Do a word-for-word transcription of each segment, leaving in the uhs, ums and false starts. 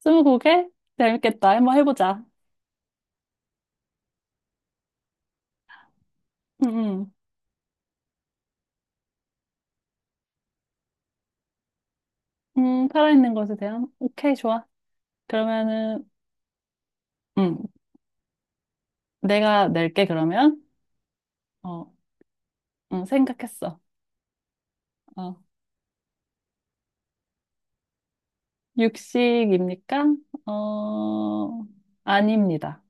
스무고개? 재밌겠다. 한번 해보자. 음, 음. 음, 살아있는 것에 대한? 오케이, 좋아. 그러면은, 음, 내가 낼게, 그러면. 어, 음, 생각했어. 어, 육식입니까? 어, 아닙니다.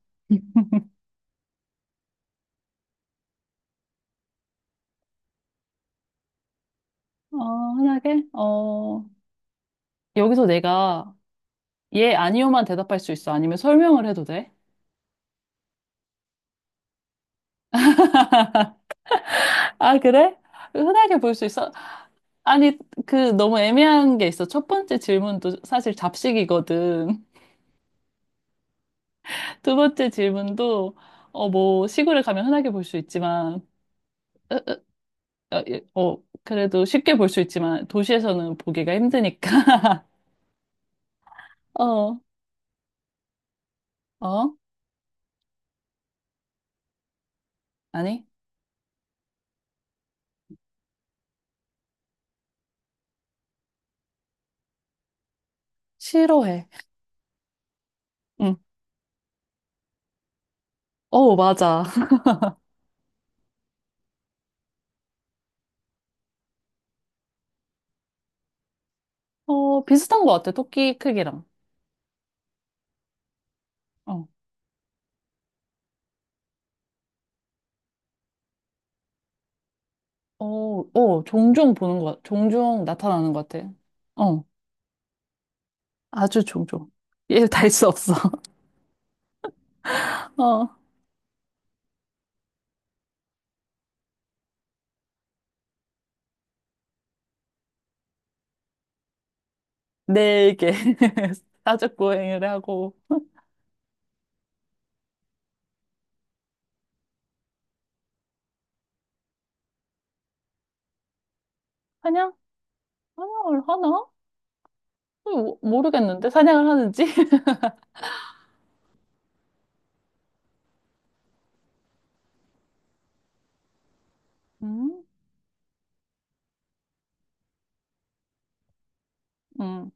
어, 흔하게? 어, 여기서 내가 예, 아니요만 대답할 수 있어? 아니면 설명을 해도 돼? 아, 그래? 흔하게 볼 수 있어? 아니, 그, 너무 애매한 게 있어. 첫 번째 질문도 사실 잡식이거든. 두 번째 질문도 어 뭐 시골에 가면 흔하게 볼 수 있지만 으, 으, 어, 예, 어, 그래도 쉽게 볼 수 있지만 도시에서는 보기가 힘드니까 어. 어? 아니, 싫어해. 응어 맞아. 어, 비슷한 것 같아. 토끼 크기랑 어어어 종종 보는 것 같- 종종 나타나는 것 같아. 어, 아주 종종. 얘달수 없어. 어네개 사족 고행을 하고 사냥, 사냥을 하나, 모- 모르겠는데 사냥을 하는지. 음, 음,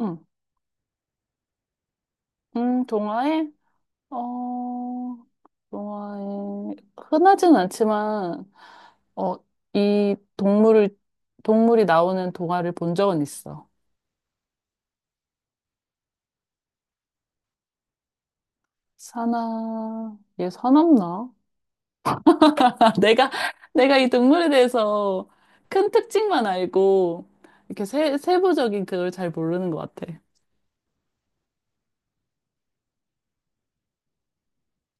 음, 음, 동화에 어, 동화에 흔하지는 않지만 어, 이 동물을 동물이 나오는 동화를 본 적은 있어. 사나 얘 사납나? 내가 내가 이 동물에 대해서 큰 특징만 알고 이렇게 세, 세부적인 그걸 잘 모르는 것 같아.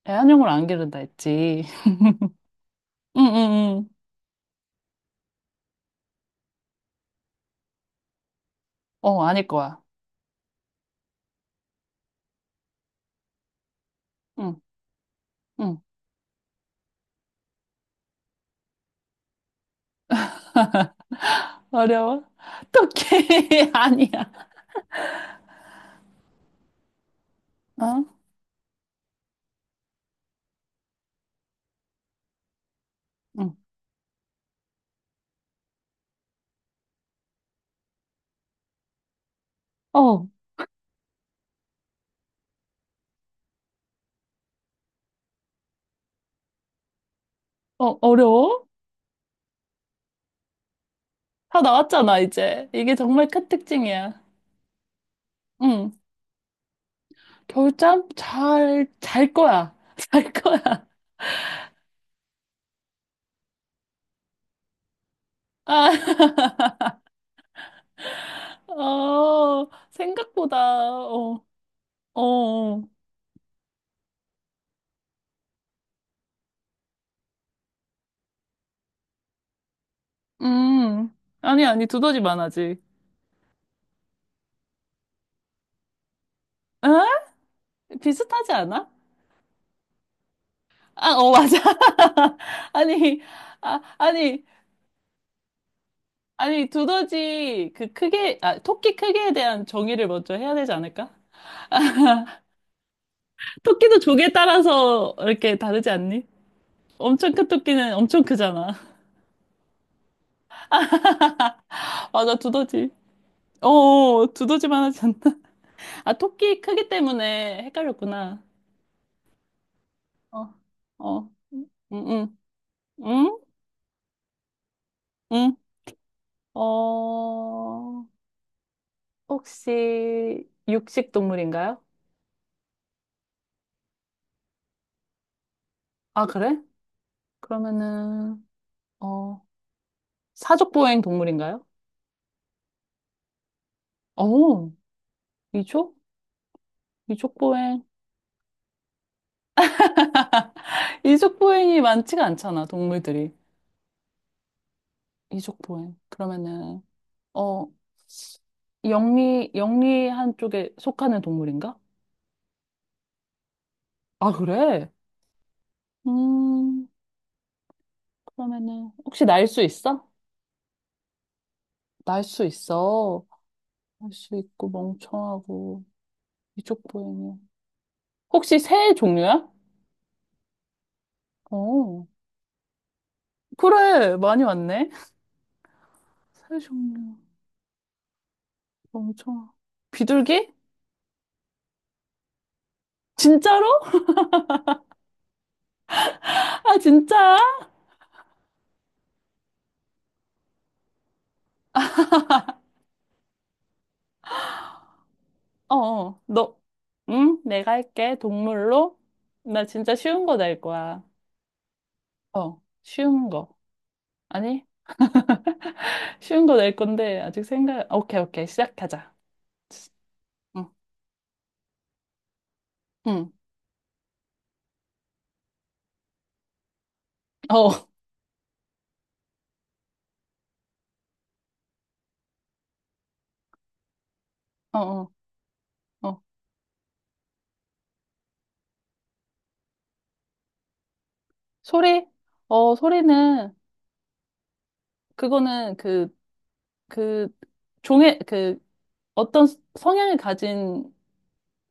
애완용을 안 기른다 했지. 응, 응, 응. 어, 아닐 거야. 응, 응. 어려워? 어떡해. 아니야. 어? 응. 어, 어, 어려워? 다 나왔잖아, 이제. 이게 정말 큰 특징이야. 응. 겨울잠 잘, 잘 거야. 잘 거야. 아, 어, 생각보다, 어, 어, 어. 음. 아니, 아니, 두더지만 하지. 어? 비슷하지 않아? 아, 어, 맞아. 아니, 아, 아니. 아니, 두더지, 그 크게, 아, 토끼 크기에 대한 정의를 먼저 해야 되지 않을까? 아, 토끼도 조개 따라서 이렇게 다르지 않니? 엄청 큰 토끼는 엄청 크잖아. 맞아, 두더지. 어, 어, 어, 두더지만 하지 않나? 아, 토끼 크기 때문에 헷갈렸구나. 어, 어, 응, 응, 응, 응. 어, 혹시 육식 동물인가요? 아, 그래? 그러면은, 어, 사족보행 동물인가요? 어, 미초? 이족보행. 이족보행이 많지가 않잖아, 동물들이. 이족보행. 그러면은, 어, 영리, 영리한 쪽에 속하는 동물인가? 아, 그래? 음, 그러면은, 혹시 날 수 있어? 날 수 있어. 날 수 있고, 멍청하고, 이족보행이. 혹시 새 종류야? 어, 그래, 많이 왔네. 새 종류, 멍청하. 비둘기? 진짜로? 아, 진짜? 어, 어, 너, 응? 내가 할게. 동물로? 나 진짜 쉬운 거 낼 거야. 어, 쉬운 거. 아니, 쉬운 거 낼 건데, 아직 생각, 오케이, 오케이. 시작하자. 응, 응. 어, 어, 어, 어. 소리? 어, 소리는, 그거는 그, 그, 종의, 그, 어떤 성향을 가진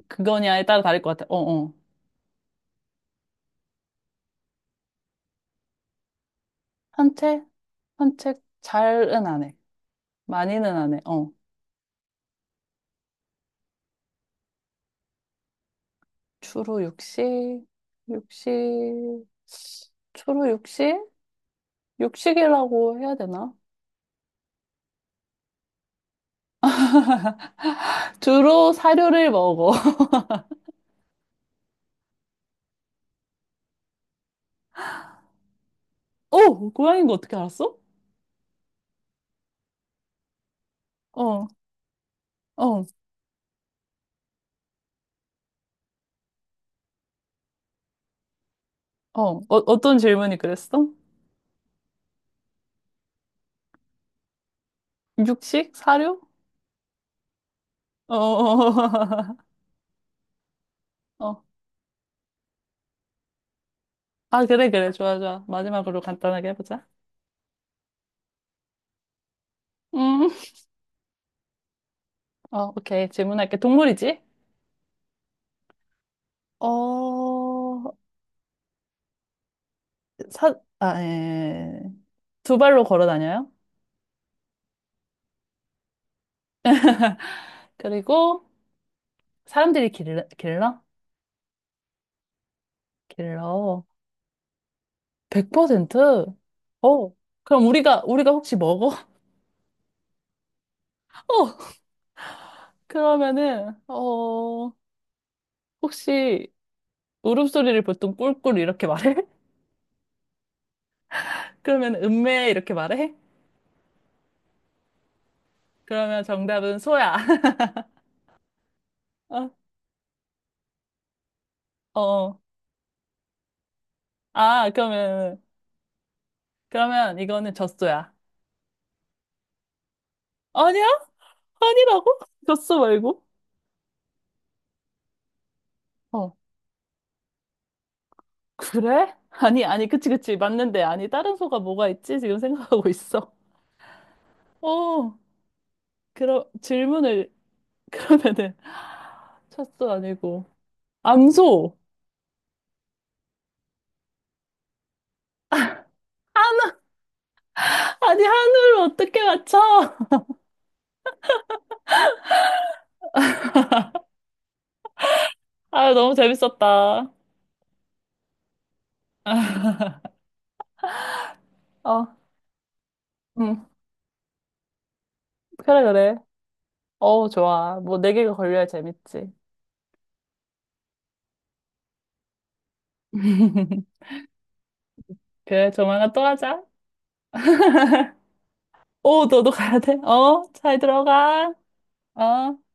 그거냐에 따라 다를 것 같아. 어, 어. 산책? 산책 잘은 안 해. 많이는 안 해. 어. 주로 육식, 육식, 주로 육식? 육식이라고 해야 되나? 주로 사료를 먹어. 오, 고양이인 거 어떻게 알았어? 어, 어, 어, 어, 어떤 질문이 그랬어? 육식? 사료? 어, 어. 어. 아, 그래, 그래. 좋아, 좋아. 마지막으로 간단하게 해보자. 음, 어, 오케이. 질문할게. 동물이지? 어, 사, 아, 예. 두 발로 걸어 다녀요? 그리고 사람들이 길러? 길러? 길러. 백 퍼센트? 어. 그럼 우리가, 우리가 혹시 먹어? 어. 그러면은, 어, 혹시 울음소리를 보통 꿀꿀 이렇게 말해? 그러면 음메 이렇게 말해? 그러면 정답은 소야. 어, 어. 아, 그러면, 그러면 이거는 젖소야. 아니야? 아니라고? 젖소 말고? 어. 그래? 아니, 아니, 그치, 그치. 맞는데. 아니, 다른 소가 뭐가 있지? 지금 생각하고 있어. 어. 그럼 질문을 그러면은 찻도 아니고 암소. 한우. 아니, 한우를 어떻게 맞춰? 아 너무 재밌었다. 어, 응, 그래, 그래. 어, 좋아. 뭐, 네 개가 걸려야 재밌지. 그래, 조만간 또 하자. 오, 너도 가야 돼. 어, 잘 들어가. 어.